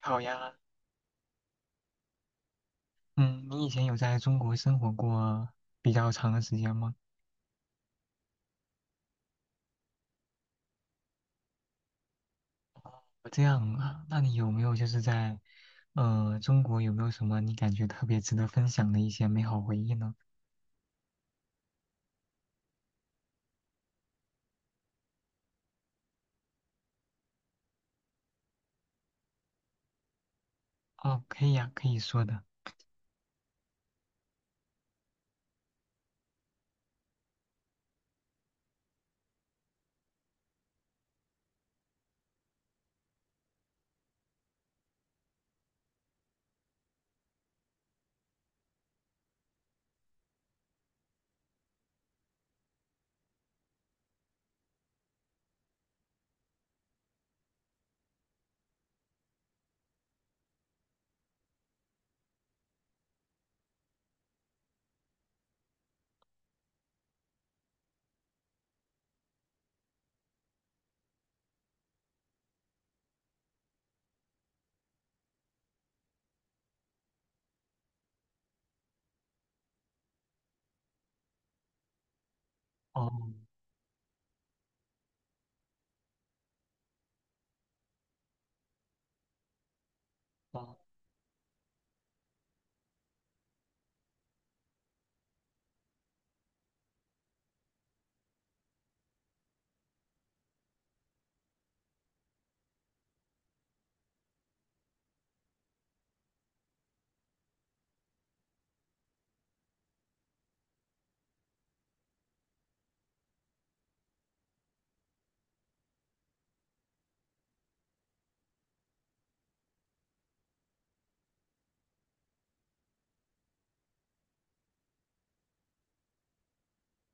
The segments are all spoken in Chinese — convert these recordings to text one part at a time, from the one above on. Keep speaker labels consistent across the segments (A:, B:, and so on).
A: 好呀。嗯，你以前有在中国生活过比较长的时间吗？这样啊，那你有没有就是在，中国有没有什么你感觉特别值得分享的一些美好回忆呢？哦，可以呀，可以说的。哦。哦。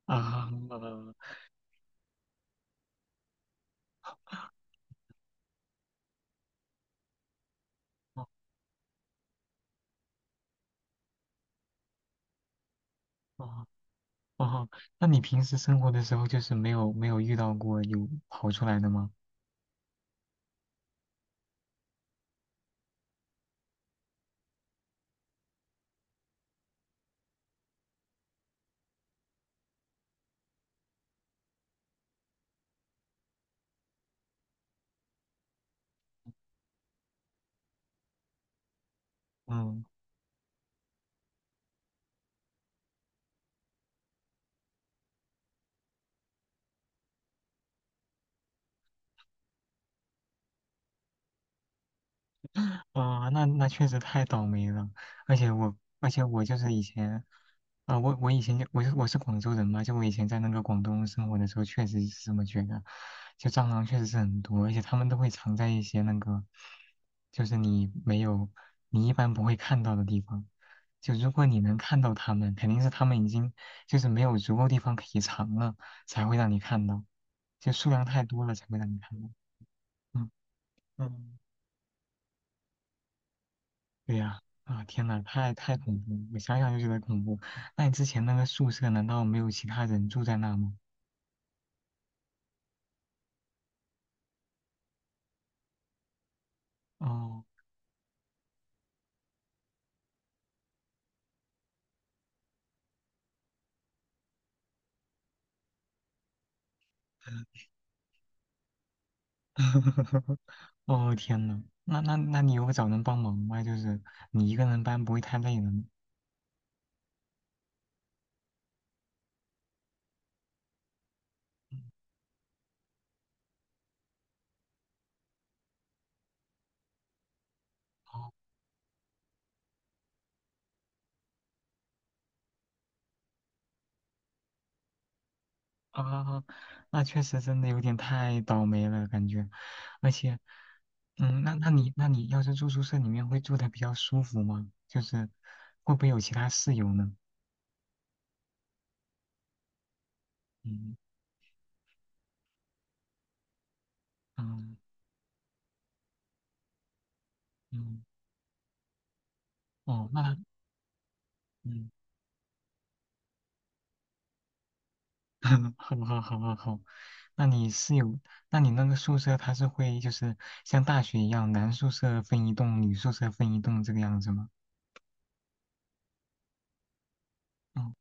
A: 啊，哦。哦。哦，那你平时生活的时候就是没有遇到过有跑出来的吗？嗯。啊，那那确实太倒霉了，而且我，而且我就是以前，啊、我以前就我是广州人嘛，就我以前在那个广东生活的时候，确实是这么觉得，就蟑螂确实是很多，而且它们都会藏在一些那个，就是你没有，你一般不会看到的地方，就如果你能看到它们，肯定是它们已经就是没有足够地方可以藏了，才会让你看到，就数量太多了才会让你看到。嗯。嗯。对呀，啊，天呐，太恐怖了，我想想就觉得恐怖。那你之前那个宿舍难道没有其他人住在那吗？哦。哦，天呐，那你有找人帮忙吗？就是你一个人搬不会太累了吗？嗯。哦。啊，那确实真的有点太倒霉了感觉，而且。嗯，那你那你要是住宿舍里面会住的比较舒服吗？就是会不会有其他室友呢？嗯。嗯。嗯。哦，那他。嗯。好好好好好，那你是有，那你那个宿舍它是会就是像大学一样，男宿舍分一栋，女宿舍分一栋这个样子吗？嗯。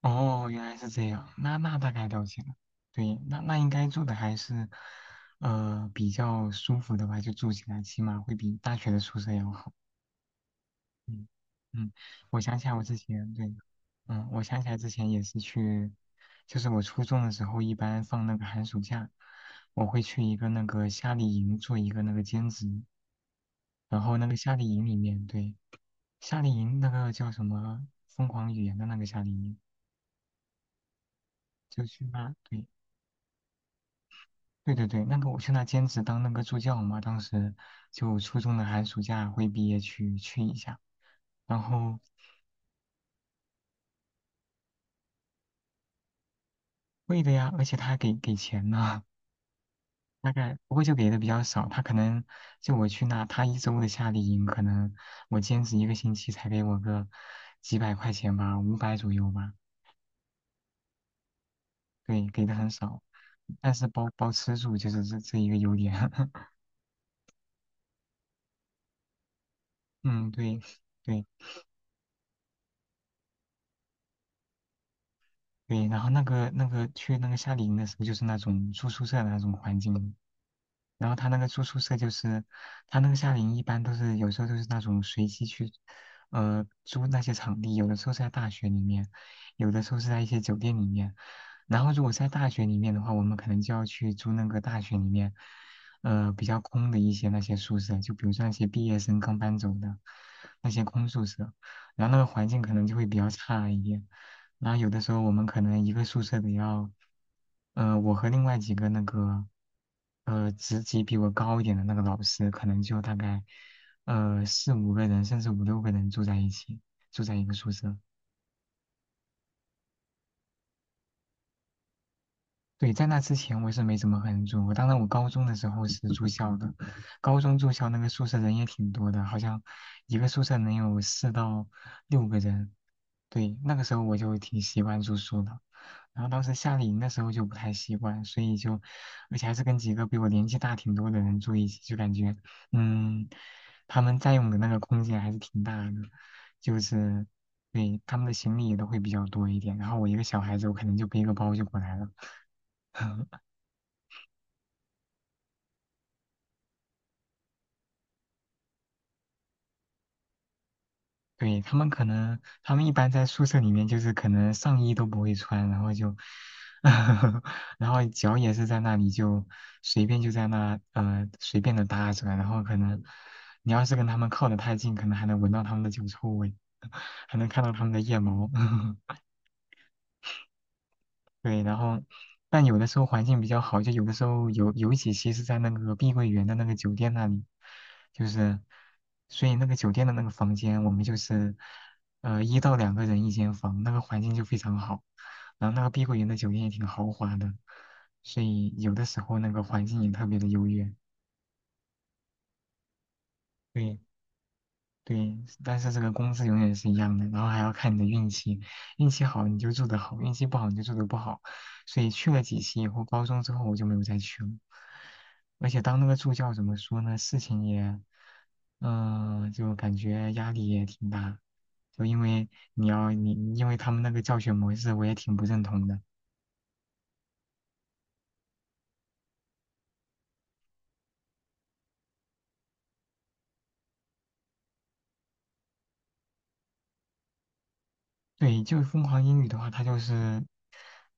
A: 哦，原来是这样，那那大概了解了。对，那那应该住的还是，比较舒服的吧，就住起来起码会比大学的宿舍要好。嗯。嗯，我想起来我之前对，嗯，我想起来之前也是去，就是我初中的时候，一般放那个寒暑假，我会去一个那个夏令营做一个那个兼职，然后那个夏令营里面，对，夏令营那个叫什么疯狂语言的那个夏令营，就去那，对对，那个我去那兼职当那个助教嘛，当时就初中的寒暑假会毕业去一下，然后会的呀，而且他还给钱呢。大概不过就给的比较少，他可能就我去那，他一周的夏令营，可能我兼职一个星期才给我个几百块钱吧，五百左右吧，对，给的很少，但是包吃住就是这一个优点。嗯，对。对，对，然后那个去那个夏令营的时候，就是那种住宿舍的那种环境，然后他那个住宿舍就是，他那个夏令营一般都是有时候都是那种随机去，租那些场地，有的时候是在大学里面，有的时候是在一些酒店里面。然后如果是在大学里面的话，我们可能就要去租那个大学里面，比较空的一些那些宿舍，就比如说那些毕业生刚搬走的那些空宿舍。然后那个环境可能就会比较差一点。然后有的时候我们可能一个宿舍得要，我和另外几个那个，职级比我高一点的那个老师，可能就大概，四五个人，甚至五六个人住在一起，住在一个宿舍。对，在那之前我是没怎么和人住过，我当然我高中的时候是住校的，高中住校那个宿舍人也挺多的，好像一个宿舍能有四到六个人。对，那个时候我就挺习惯住宿的，然后当时夏令营的时候就不太习惯，所以就，而且还是跟几个比我年纪大挺多的人住一起，就感觉，嗯，他们占用的那个空间还是挺大的，就是，对，他们的行李也都会比较多一点，然后我一个小孩子，我可能就背个包就过来了。对，他们可能，他们一般在宿舍里面就是可能上衣都不会穿，然后就。然后脚也是在那里就随便就在那随便的搭着，然后可能你要是跟他们靠得太近，可能还能闻到他们的脚臭味。还能看到他们的腋毛。对，然后但有的时候环境比较好，就有的时候有几期是在那个碧桂园的那个酒店那里，就是所以那个酒店的那个房间，我们就是一到两个人一间房，那个环境就非常好，然后那个碧桂园的酒店也挺豪华的，所以有的时候那个环境也特别的优越。对。对，但是这个工资永远是一样的，然后还要看你的运气，运气好你就做得好，运气不好你就做得不好。所以去了几期以后，高中之后我就没有再去了。而且当那个助教怎么说呢，事情也，嗯、就感觉压力也挺大，就因为你要你因为他们那个教学模式我也挺不认同的。对，就疯狂英语的话，它就是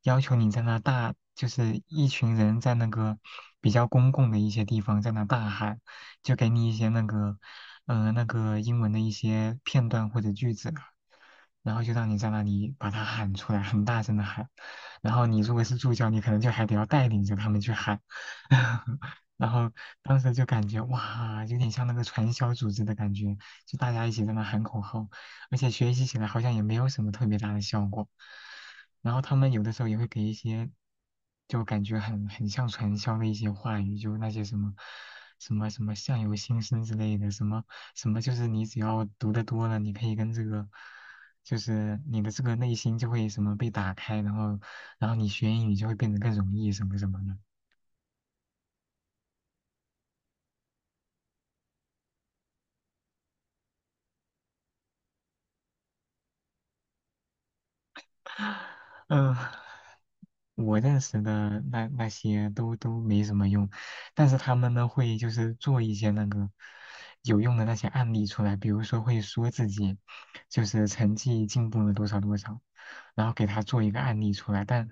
A: 要求你在那大，就是一群人在那个比较公共的一些地方在那大喊，就给你一些那个，那个英文的一些片段或者句子啊，然后就让你在那里把它喊出来，很大声的喊，然后你如果是助教，你可能就还得要带领着他们去喊。然后当时就感觉哇，有点像那个传销组织的感觉，就大家一起在那喊口号。而且学习起来好像也没有什么特别大的效果。然后他们有的时候也会给一些，就感觉很像传销的一些话语，就那些什么什么相由心生之类的，什么什么就是你只要读得多了，你可以跟这个，就是你的这个内心就会什么被打开，然后然后你学英语就会变得更容易什么什么的。嗯，我认识的那些都没什么用，但是他们呢会就是做一些那个有用的那些案例出来，比如说会说自己就是成绩进步了多少多少，然后给他做一个案例出来，但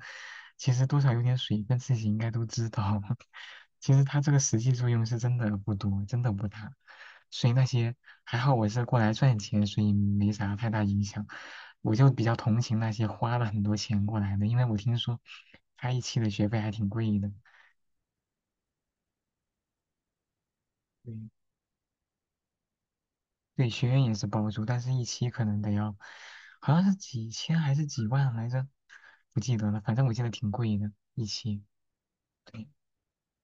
A: 其实多少有点水分，自己应该都知道。其实他这个实际作用是真的不多，真的不大。所以那些还好我是过来赚钱，所以没啥太大影响。我就比较同情那些花了很多钱过来的，因为我听说他一期的学费还挺贵的。对，对，学院也是包住，但是一期可能得要，好像是几千还是几万来着，不记得了。反正我记得挺贵的，一期。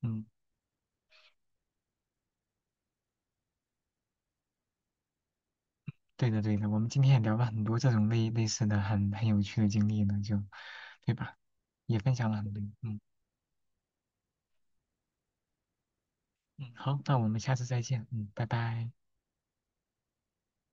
A: 嗯，对的对的，我们今天也聊了很多这种类似的很有趣的经历呢，就，对吧？也分享了很多。嗯。嗯，好，那我们下次再见。嗯，拜拜。